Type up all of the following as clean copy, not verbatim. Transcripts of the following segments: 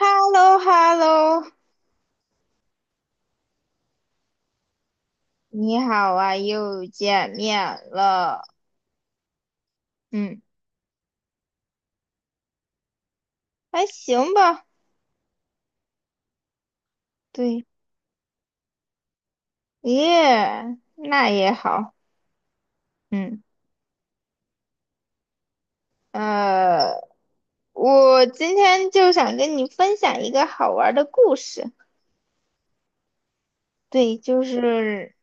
h e l l o h e l l o 你好啊，又见面了。嗯，还行吧。对，耶，那也好。嗯，呃，我今天就想跟你分享一个好玩儿的故事。对，就是，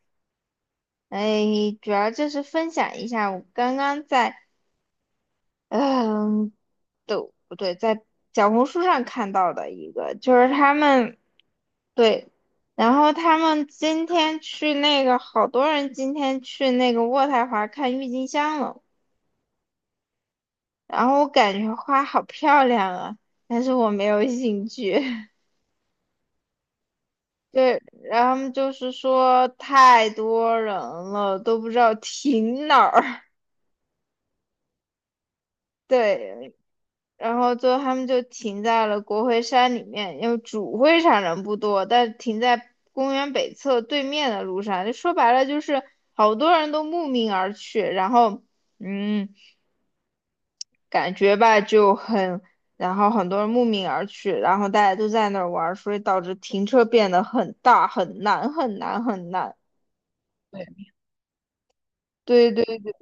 哎，主要就是分享一下我刚刚在嗯、对，不对，在小红书上看到的一个，就是他们对，然后他们今天去那个，好多人今天去那个渥太华看郁金香了，然后我感觉花好漂亮啊，但是我没有兴趣。对，然后他们就是说太多人了，都不知道停哪儿。对，然后最后他们就停在了国会山里面，因为主会场人不多，但停在公园北侧对面的路上，就说白了就是好多人都慕名而去，然后嗯，感觉吧就很，然后很多人慕名而去，然后大家都在那儿玩儿，所以导致停车变得很大，很难，很难，很难。对，对对对，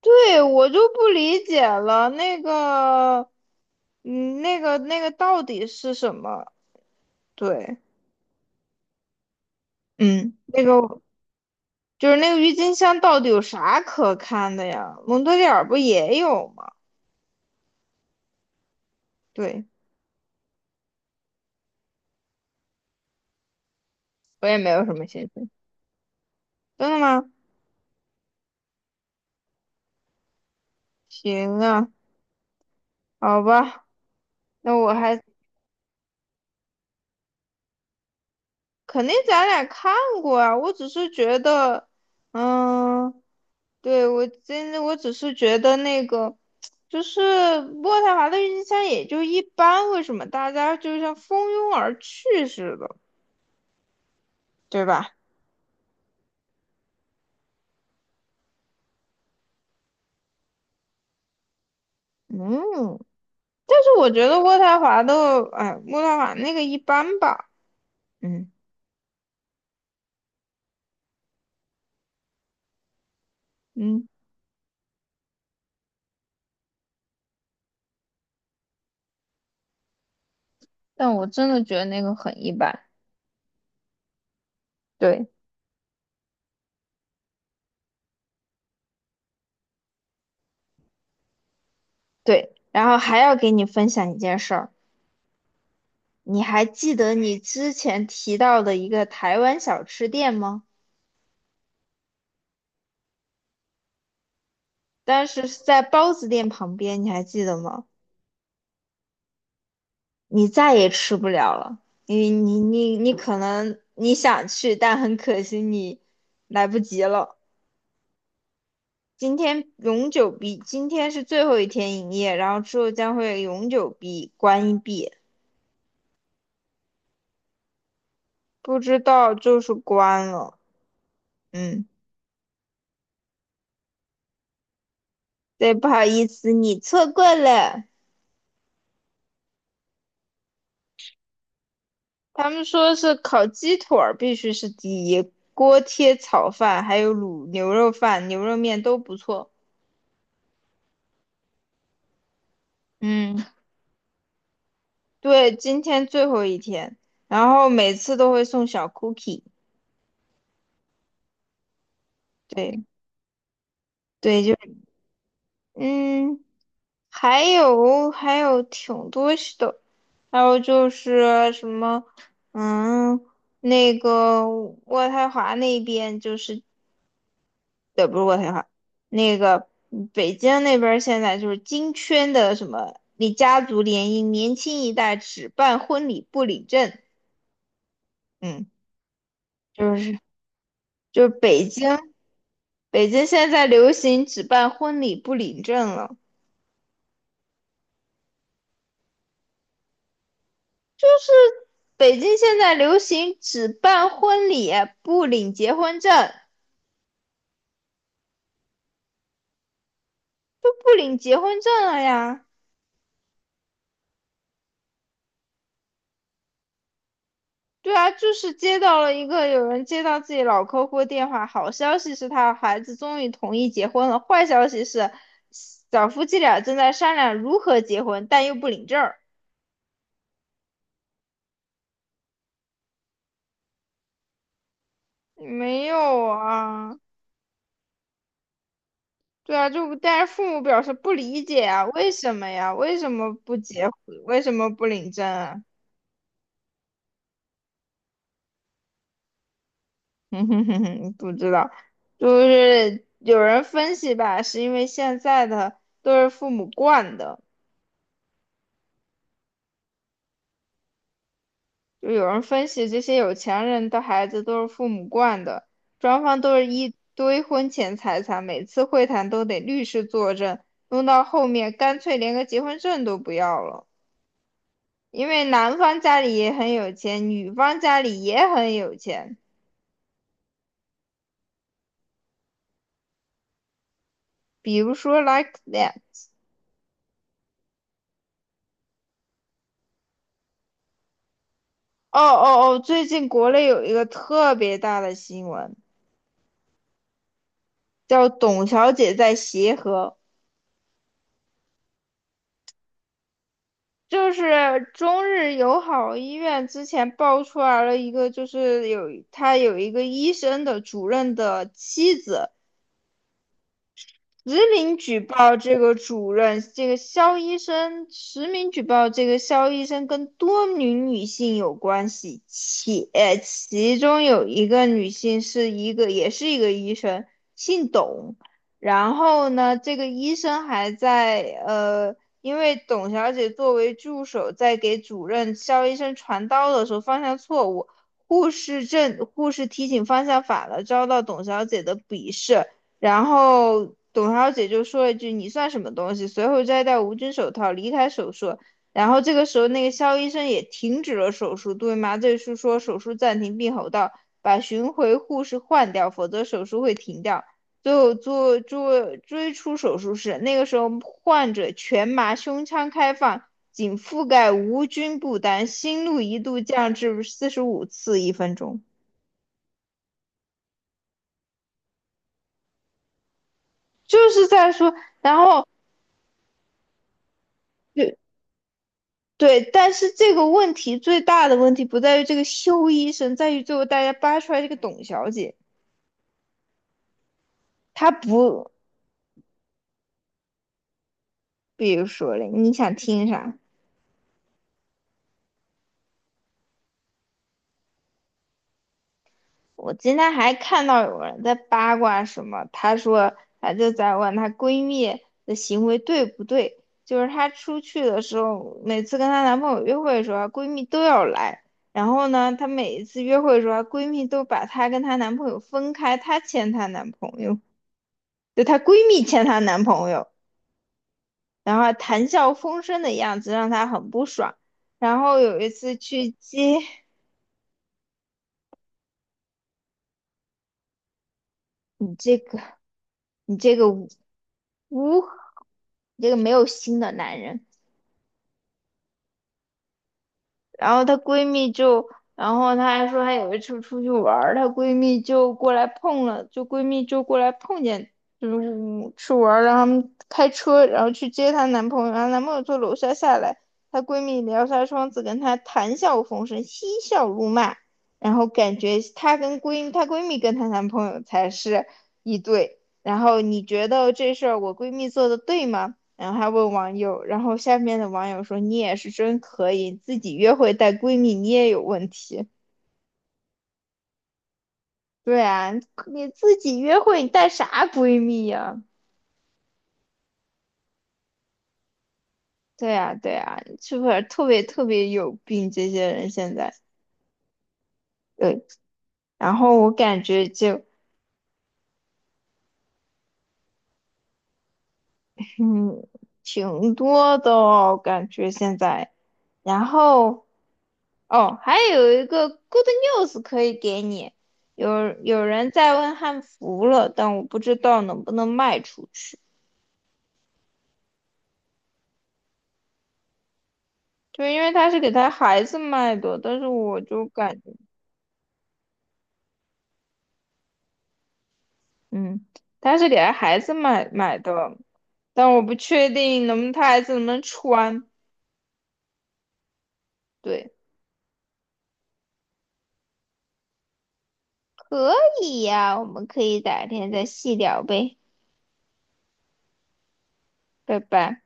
对我就不理解了，那个，那个到底是什么？对。嗯，那个就是那个郁金香到底有啥可看的呀？蒙特利尔不也有吗？对，我也没有什么兴趣。真的吗？行啊，好吧，那我还肯定咱俩看过啊。我只是觉得，嗯，对，我真的我只是觉得那个就是渥太华的郁金香也就一般，为什么大家就像蜂拥而去似的，对吧？嗯。但是我觉得渥太华的，哎，渥太华那个一般吧，嗯嗯，但我真的觉得那个很一般。对对，然后还要给你分享一件事儿，你还记得你之前提到的一个台湾小吃店吗？但是是在包子店旁边，你还记得吗？你再也吃不了了，你可能你想去，但很可惜你来不及了。今天永久闭，今天是最后一天营业，然后之后将会永久闭关闭，不知道就是关了。嗯，对，不好意思，你错过了。他们说是烤鸡腿儿必须是第一，锅贴炒饭还有卤牛肉饭、牛肉面都不错。嗯，对，今天最后一天，然后每次都会送小 cookie。对对，就嗯。还有挺多是的，还有就是什么，嗯，那个渥太华那边就是，不是渥太华，那个北京那边儿现在就是金圈的什么，你家族联姻，年轻一代只办婚礼不领证，嗯，就是就是北京现在流行只办婚礼不领证了。就是北京现在流行只办婚礼不领结婚证，都不领结婚证了呀。对啊，就是接到了一个有人接到自己老客户电话，好消息是他孩子终于同意结婚了，坏消息是小夫妻俩正在商量如何结婚，但又不领证没有啊，对啊，就但是父母表示不理解啊，为什么呀？为什么不结婚？为什么不领证啊？哼哼哼哼，不知道，就是有人分析吧，是因为现在的都是父母惯的，就有人分析这些有钱人的孩子都是父母惯的，双方都是一堆婚前财产，每次会谈都得律师作证，弄到后面干脆连个结婚证都不要了，因为男方家里也很有钱，女方家里也很有钱，比如说 like that。哦哦哦，最近国内有一个特别大的新闻。叫董小姐在协和，就是中日友好医院之前爆出来了一个，就是有他有一个医生的主任的妻子实名举报这个主任，这个肖医生，实名举报这个肖医生跟多名女性有关系，且其中有一个女性是一个，也是一个医生，姓董。然后呢，这个医生还在因为董小姐作为助手，在给主任肖医生传刀的时候方向错误，护士提醒方向反了，遭到董小姐的鄙视。然后董小姐就说了一句："你算什么东西？"随后摘掉无菌手套，离开手术。然后这个时候，那个肖医生也停止了手术，对麻醉师说："手术暂停，并吼道：'把巡回护士换掉，否则手术会停掉。'"最后做追出手术室，那个时候患者全麻，胸腔开放，仅覆盖无菌布单，心率一度降至45次一分钟，就是在说，然后就对，但是这个问题最大的问题不在于这个修医生，在于最后大家扒出来这个董小姐，她不，比如说嘞，你想听啥？我今天还看到有人在八卦什么，她说，她就在问她闺蜜的行为对不对，就是她出去的时候，每次跟她男朋友约会的时候，她闺蜜都要来，然后呢，她每一次约会的时候，她闺蜜都把她跟她男朋友分开，她牵她男朋友，就她闺蜜牵她男朋友。然后谈笑风生的样子让他很不爽。然后有一次去接你这个你这个无无你这个没有心的男人，然后她闺蜜就，然后她还说她有一次出去玩儿她闺蜜就过来碰了，就闺蜜就过来碰见，就是去玩儿，让他们开车，然后去接她男朋友，然后男朋友从楼下下来，她闺蜜撩下窗子跟她谈笑风生，嬉笑怒骂，然后感觉她跟闺她闺蜜跟她男朋友才是一对，然后你觉得这事儿我闺蜜做的对吗？然后还问网友，然后下面的网友说："你也是真可以，自己约会带闺蜜，你也有问题。"对啊，你自己约会你带啥闺蜜呀、对啊，对啊，是不是特别特别有病？这些人现在对，然后我感觉就嗯挺多的哦，感觉现在，然后哦，还有一个 good news 可以给你，有人在问汉服了，但我不知道能不能卖出去。对，因为他是给他孩子卖的，但是我就感觉，嗯，他是给他孩子买的，但我不确定能不能他孩子能不能穿。对，可以呀，我们可以改天再细聊呗，拜拜。